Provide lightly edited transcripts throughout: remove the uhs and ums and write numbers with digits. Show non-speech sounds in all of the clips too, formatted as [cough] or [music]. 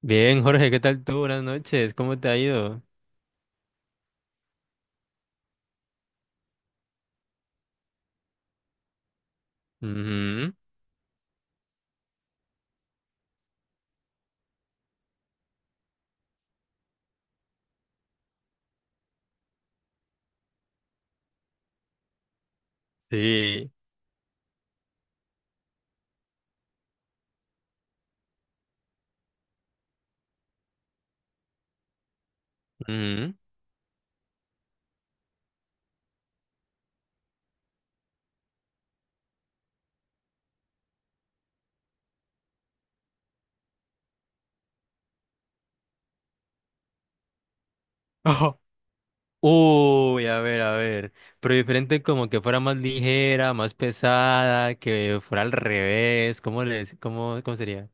Bien, Jorge, ¿qué tal tú? Buenas noches, ¿cómo te ha ido? Ujú. Sí. Ujú. [laughs] Ojo. Uy, a ver, a ver. Pero diferente como que fuera más ligera, más pesada, que fuera al revés. ¿Cómo sería?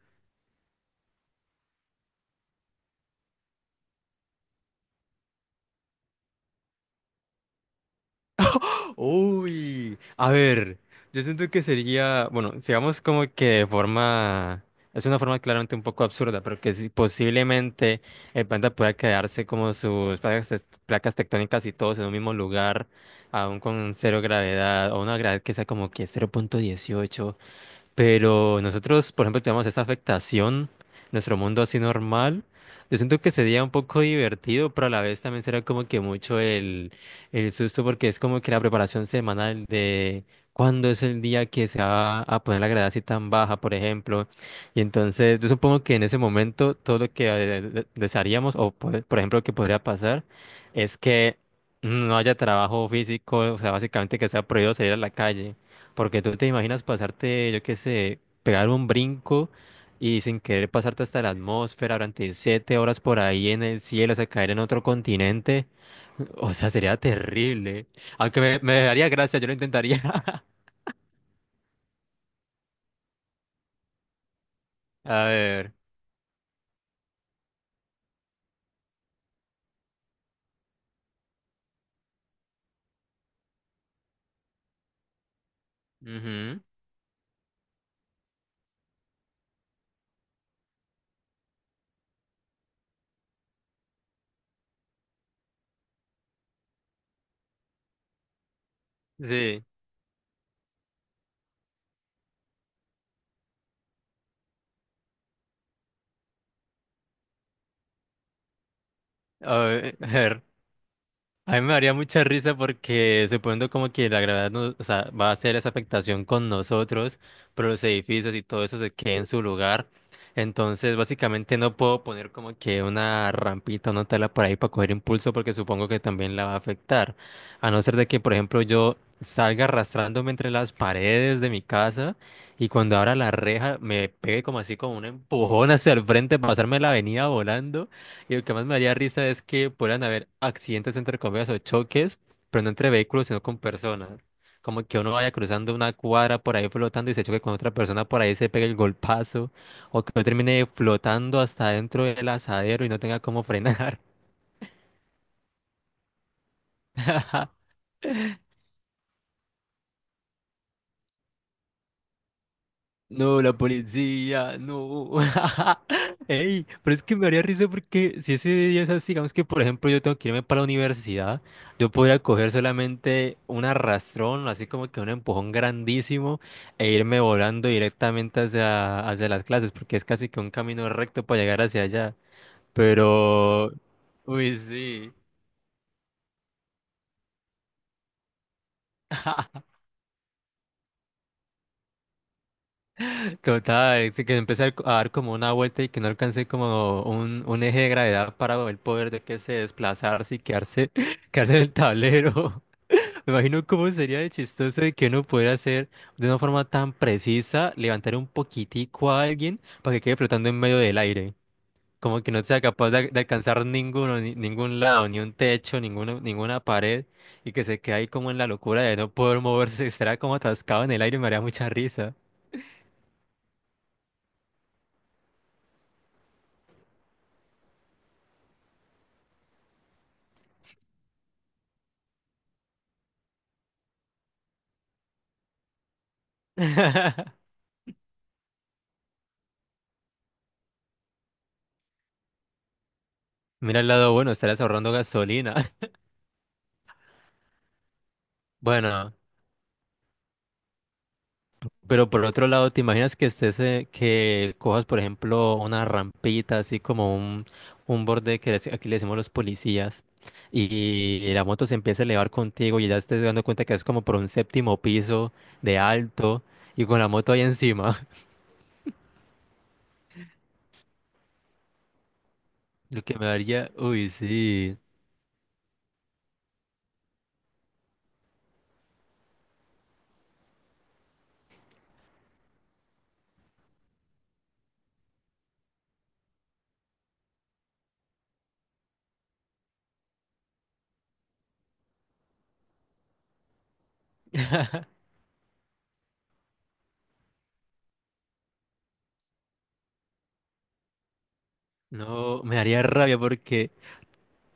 Uy, a ver, yo siento que sería, bueno, sigamos como que de forma, es una forma claramente un poco absurda, pero que sí, posiblemente el planeta pueda quedarse como sus placas, placas tectónicas y todos en un mismo lugar, aún con cero gravedad, o una gravedad que sea como que 0,18. Pero nosotros, por ejemplo, tenemos esa afectación, nuestro mundo así normal. Yo siento que sería un poco divertido, pero a la vez también será como que mucho el susto, porque es como que la preparación semanal de cuándo es el día que se va a poner la gravedad así tan baja, por ejemplo. Y entonces, yo supongo que en ese momento todo lo que desearíamos, o por ejemplo, lo que podría pasar, es que no haya trabajo físico, o sea, básicamente que sea prohibido salir a la calle. Porque tú te imaginas pasarte, yo qué sé, pegar un brinco y sin querer pasarte hasta la atmósfera durante 7 horas por ahí en el cielo, hasta caer en otro continente. O sea, sería terrible. Aunque me daría gracia, yo lo intentaría. [laughs] A ver. Ujú. Sí. A ver. A mí me daría mucha risa porque suponiendo como que la gravedad no, o sea, va a hacer esa afectación con nosotros, pero los edificios y todo eso se quede en su lugar. Entonces, básicamente no puedo poner como que una rampita o una tela por ahí para coger impulso porque supongo que también la va a afectar. A no ser de que, por ejemplo, yo salga arrastrándome entre las paredes de mi casa y cuando abra la reja me pegue como así como un empujón [laughs] hacia el frente, pasarme la avenida volando. Y lo que más me haría risa es que puedan haber accidentes entre comillas o choques, pero no entre vehículos, sino con personas. Como que uno vaya cruzando una cuadra por ahí flotando y se choque con otra persona, por ahí se pegue el golpazo, o que uno termine flotando hasta dentro del asadero y no tenga cómo frenar. [laughs] No, la policía, no. [laughs] Ey, pero es que me haría risa porque si ese día es así, digamos que por ejemplo yo tengo que irme para la universidad, yo podría coger solamente un arrastrón, así como que un empujón grandísimo, e irme volando directamente hacia las clases, porque es casi que un camino recto para llegar hacia allá. Pero, uy, sí. [laughs] Total, sí que empecé a dar como una vuelta y que no alcancé como un, eje de gravedad para el poder de que se desplazarse y quedarse, [laughs] quedarse en el tablero. [laughs] Me imagino cómo sería de chistoso de que uno pudiera hacer de una forma tan precisa, levantar un poquitico a alguien para que quede flotando en medio del aire. Como que no sea capaz de alcanzar ninguno, ningún lado, ni un techo, ninguno, ninguna pared, y que se quede ahí como en la locura de no poder moverse, [laughs] estará como atascado en el aire, me haría mucha risa. [laughs] Mira el lado bueno, estarás ahorrando gasolina. [laughs] Bueno, pero por otro lado, ¿te imaginas que estés, que cojas, por ejemplo, una rampita, así como un borde que aquí le decimos los policías, y, y la moto se empieza a elevar contigo y ya estés dando cuenta que es como por un séptimo piso de alto y con la moto ahí encima? [laughs] Lo que me daría, uy, sí. [laughs] No, me daría rabia porque,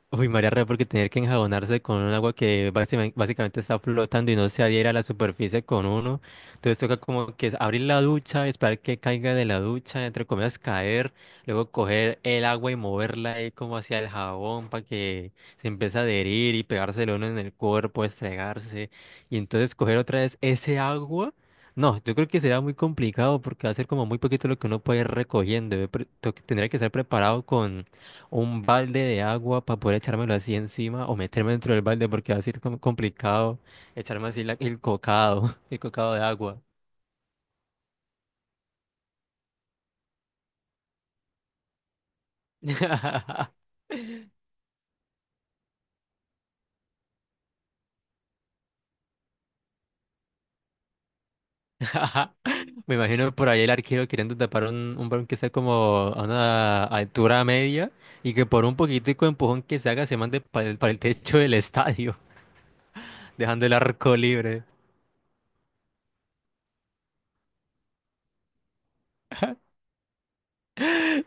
uy, María Rea, porque tener que enjabonarse con un agua que básicamente, básicamente está flotando y no se adhiera a la superficie con uno. Entonces toca como que es abrir la ducha, esperar que caiga de la ducha, entre comillas caer, luego coger el agua y moverla ahí como hacia el jabón para que se empiece a adherir y pegárselo uno en el cuerpo, estregarse. Y entonces coger otra vez ese agua. No, yo creo que será muy complicado porque va a ser como muy poquito lo que uno puede ir recogiendo. Yo tendría que estar preparado un balde de agua para poder echármelo así encima o meterme dentro del balde porque va a ser complicado echarme así el cocado, [laughs] el cocado de agua. [laughs] Me imagino por ahí el arquero queriendo tapar un balón que está como a una altura media y que por un poquitico de empujón que se haga se mande para para el techo del estadio, [laughs] dejando el arco libre.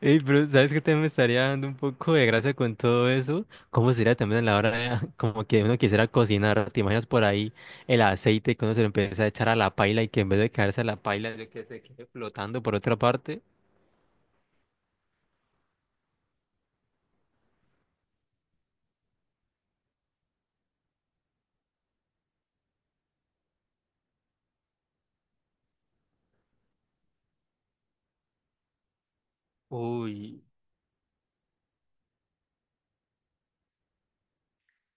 Ey, pero ¿sabes qué también me estaría dando un poco de gracia con todo eso? ¿Cómo sería también a la hora [laughs] como que uno quisiera cocinar? ¿Te imaginas por ahí el aceite que uno se lo empieza a echar a la paila y que en vez de caerse a la paila, yo que se quede flotando por otra parte? Uy,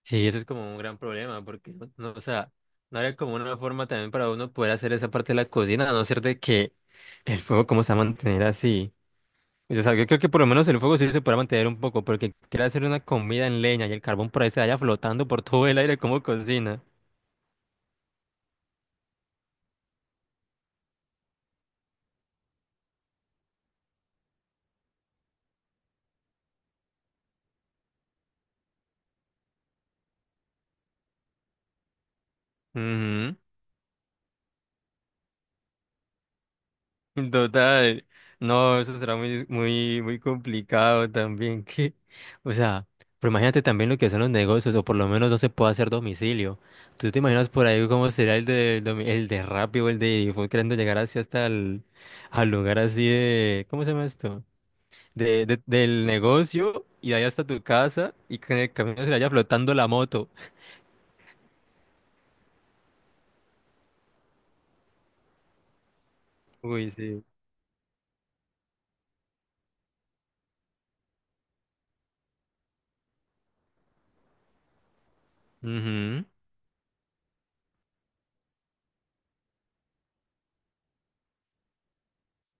sí, eso es como un gran problema, porque no, no, o sea, no habría como una forma también para uno poder hacer esa parte de la cocina, a no ser de que el fuego, ¿cómo se va a mantener así? O sea, yo creo que por lo menos el fuego sí se podrá mantener un poco, porque quiere hacer una comida en leña y el carbón por ahí se vaya flotando por todo el aire como cocina. Ujú. [laughs] Total. No, eso será muy, muy, muy complicado también. Que, o sea, pero imagínate también lo que son los negocios, o por lo menos no se puede hacer domicilio. ¿Tú te imaginas por ahí cómo será el de, el de Rappi o el de fue queriendo llegar así hasta el al lugar así de, ¿cómo se llama esto? Del negocio y de ahí hasta tu casa y que en el camino se le vaya flotando la moto? Uy, sí. Ujú.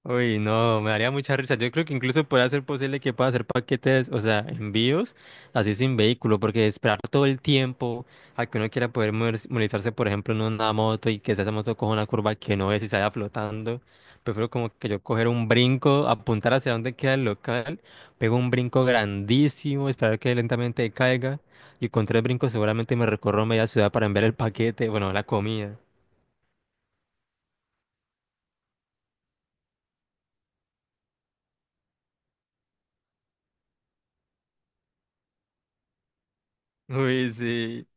Uy, no, me daría mucha risa. Yo creo que incluso podría ser posible que pueda hacer paquetes, o sea, envíos, así sin vehículo, porque esperar todo el tiempo a que uno quiera poder movilizarse, por ejemplo, en una moto y que esa moto coja una curva que no es y se vaya flotando. Prefiero como que yo coger un brinco, apuntar hacia donde queda el local, pego un brinco grandísimo, esperar que lentamente caiga y con tres brincos seguramente me recorro media ciudad para enviar el paquete, bueno, la comida. Uy, sí.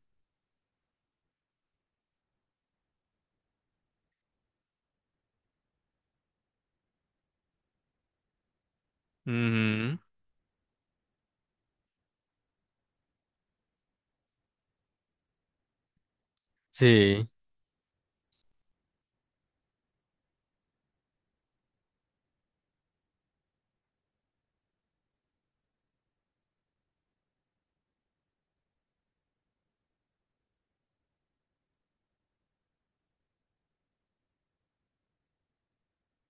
Ujú. Sí.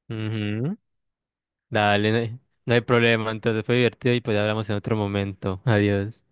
Ujú. Dale, no hay problema. Entonces fue divertido y pues hablamos en otro momento. Adiós.